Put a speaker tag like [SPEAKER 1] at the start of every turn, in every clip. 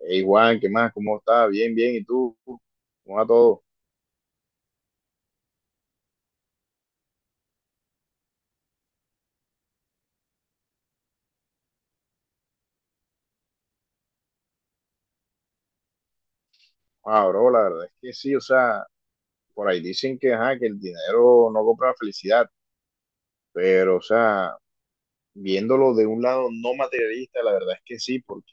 [SPEAKER 1] Hey Juan, ¿qué más? ¿Cómo estás? Bien, bien. ¿Y tú? ¿Cómo va todo? Ah, bro, la verdad es que sí, o sea, por ahí dicen que, ajá, que el dinero no compra la felicidad, pero, o sea, viéndolo de un lado no materialista, la verdad es que sí, porque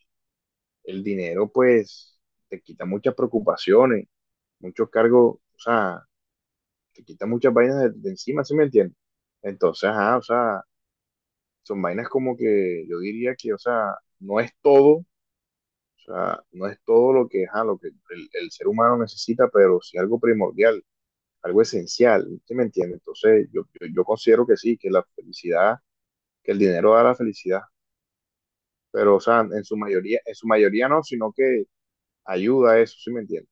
[SPEAKER 1] el dinero, pues, te quita muchas preocupaciones, muchos cargos, o sea, te quita muchas vainas de encima, ¿sí me entiendes? Entonces, ajá, o sea, son vainas como que yo diría que, o sea, no es todo. O sea, no es todo lo que, ajá, lo que el ser humano necesita, pero sí algo primordial, algo esencial, ¿sí me entiende? Entonces, yo considero que sí, que la felicidad, que el dinero da la felicidad, pero, o sea, en su mayoría no, sino que ayuda a eso, ¿sí me entiende?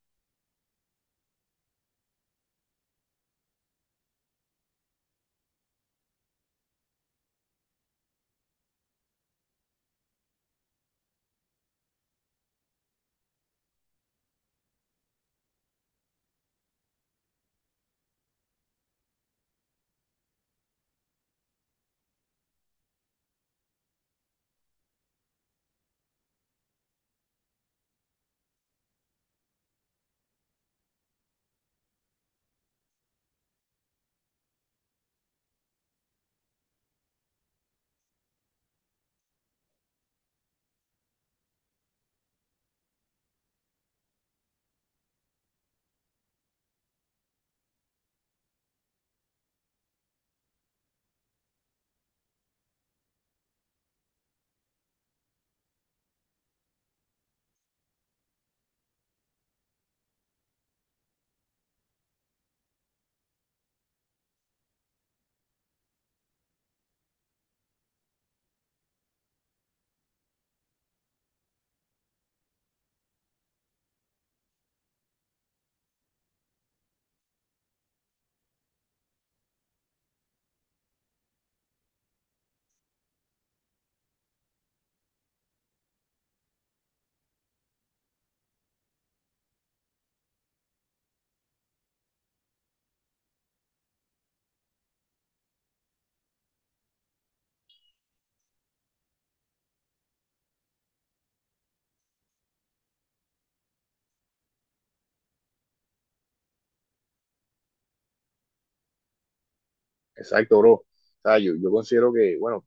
[SPEAKER 1] Exacto, bro. O sea, yo considero que, bueno,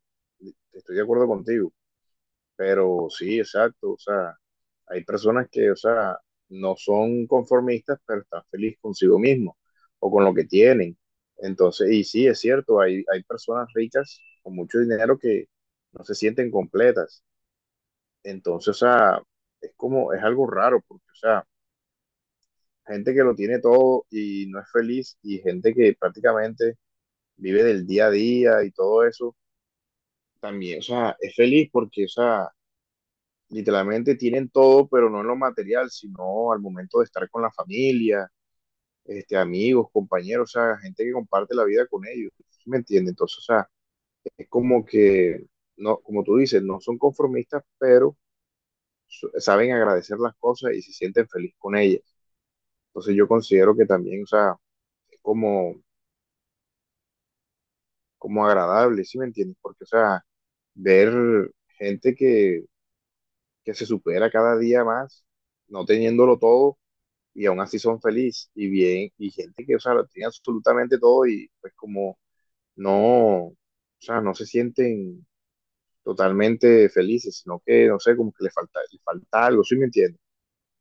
[SPEAKER 1] estoy de acuerdo contigo. Pero sí, exacto, o sea, hay personas que, o sea, no son conformistas, pero están felices consigo mismos o con lo que tienen. Entonces, y sí, es cierto, hay personas ricas con mucho dinero que no se sienten completas. Entonces, o sea, es como, es algo raro, porque, o sea, gente que lo tiene todo y no es feliz y gente que prácticamente vive del día a día y todo eso, también, o sea, es feliz porque, o sea, literalmente tienen todo, pero no en lo material, sino al momento de estar con la familia, este, amigos, compañeros, o sea, gente que comparte la vida con ellos, ¿sí me entiendes? Entonces, o sea, es como que, no, como tú dices, no son conformistas, pero saben agradecer las cosas y se sienten feliz con ellas. Entonces yo considero que también, o sea, es como, como agradable, ¿sí me entiendes? Porque, o sea, ver gente que se supera cada día más, no teniéndolo todo, y aún así son felices y bien, y gente que, o sea, lo tiene absolutamente todo y pues como no, o sea, no se sienten totalmente felices, sino que, no sé, como que les falta algo, ¿sí me entiendes?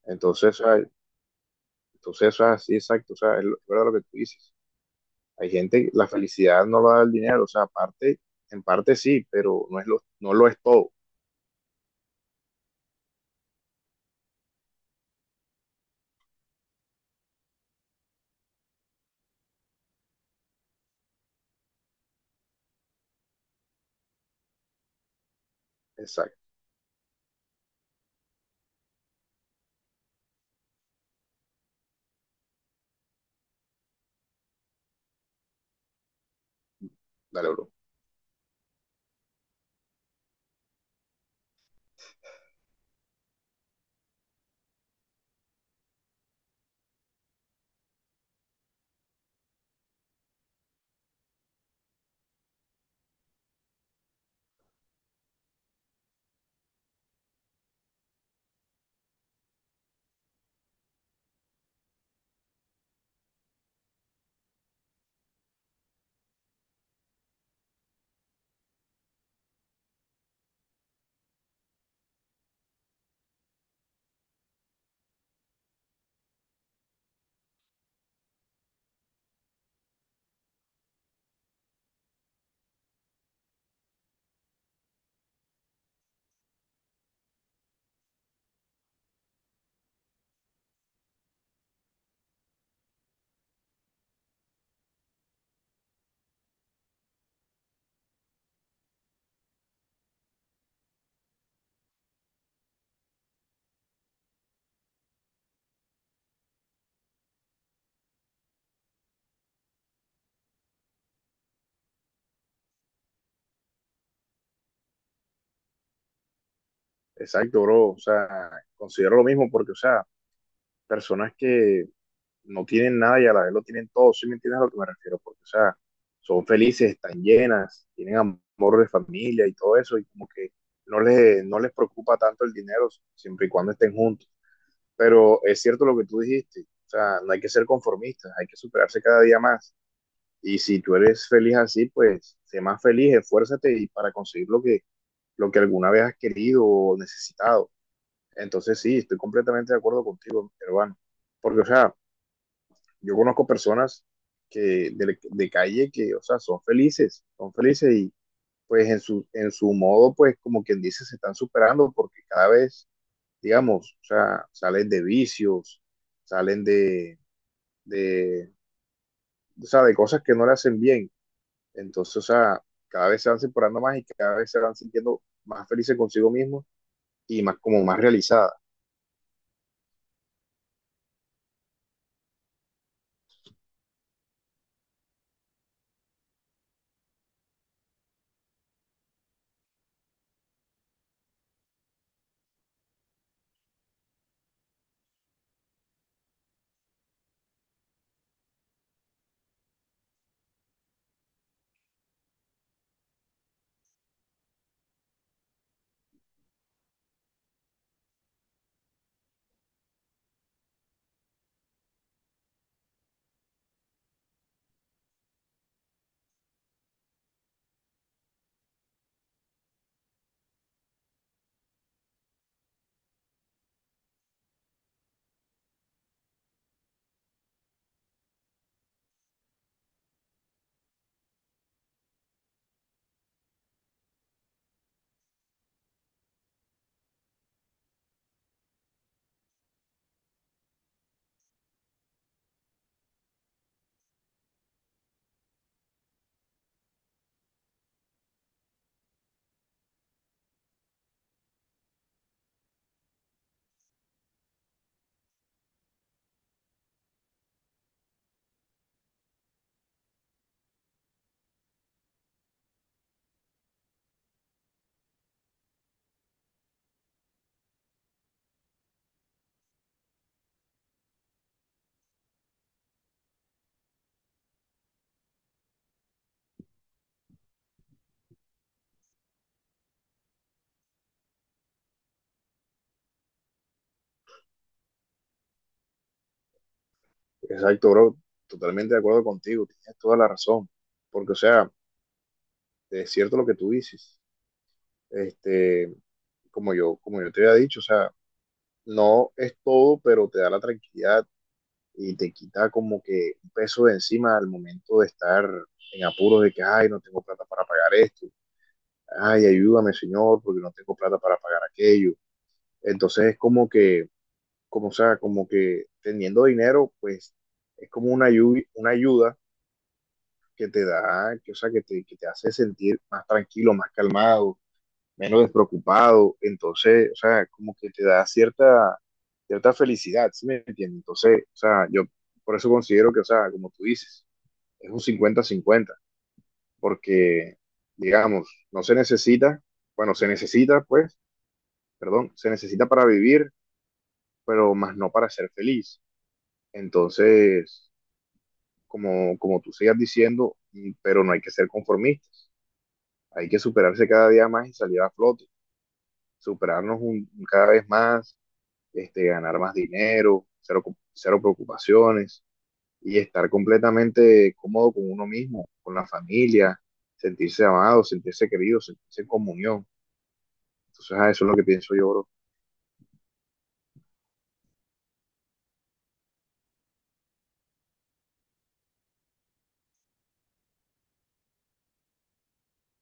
[SPEAKER 1] Entonces, o sea, entonces, o sea, sí, exacto, o sea, es verdad lo que tú dices. Hay gente, la felicidad no lo da el dinero, o sea, aparte, en parte sí, pero no es lo, no lo es todo. Exacto. Dale, bro. Exacto, bro. O sea, considero lo mismo porque, o sea, personas que no tienen nada y a la vez lo tienen todo, ¿sí me entiendes a lo que me refiero? Porque, o sea, son felices, están llenas, tienen amor de familia y todo eso, y como que no les preocupa tanto el dinero siempre y cuando estén juntos. Pero es cierto lo que tú dijiste, o sea, no hay que ser conformistas, hay que superarse cada día más. Y si tú eres feliz así, pues sé más feliz, esfuérzate y para conseguir lo que alguna vez has querido o necesitado. Entonces sí, estoy completamente de acuerdo contigo, hermano. Porque, o sea, yo conozco personas que de calle que, o sea, son felices y pues en su modo, pues como quien dice, se están superando porque cada vez, digamos, o sea, salen de vicios, salen de, o sea, de cosas que no le hacen bien. Entonces, o sea, cada vez se van separando más y cada vez se van sintiendo más felices consigo mismos y más como más realizadas. Exacto, bro, totalmente de acuerdo contigo, tienes toda la razón, porque, o sea, es cierto lo que tú dices. Este, como yo te había dicho, o sea, no es todo, pero te da la tranquilidad y te quita como que un peso de encima al momento de estar en apuros de que, ay, no tengo plata para pagar esto, ay, ayúdame, Señor, porque no tengo plata para pagar aquello. Entonces es como que, como o sea, como que teniendo dinero, pues es como una ayuda que te da, que, o sea, que te hace sentir más tranquilo, más calmado, menos despreocupado, entonces, o sea, como que te da cierta felicidad, ¿sí me entiendes? Entonces, o sea, yo por eso considero que, o sea, como tú dices, es un cincuenta-cincuenta, porque, digamos, no se necesita, bueno, se necesita, pues, perdón, se necesita para vivir, pero más no para ser feliz. Entonces, como, como tú sigas diciendo, pero no hay que ser conformistas, hay que superarse cada día más y salir a flote, superarnos cada vez más, este, ganar más dinero, cero, cero preocupaciones y estar completamente cómodo con uno mismo, con la familia, sentirse amado, sentirse querido, sentirse en comunión. Entonces, a eso es lo que pienso yo, bro.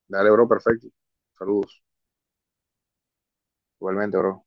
[SPEAKER 1] Dale, bro, perfecto. Saludos. Igualmente, bro.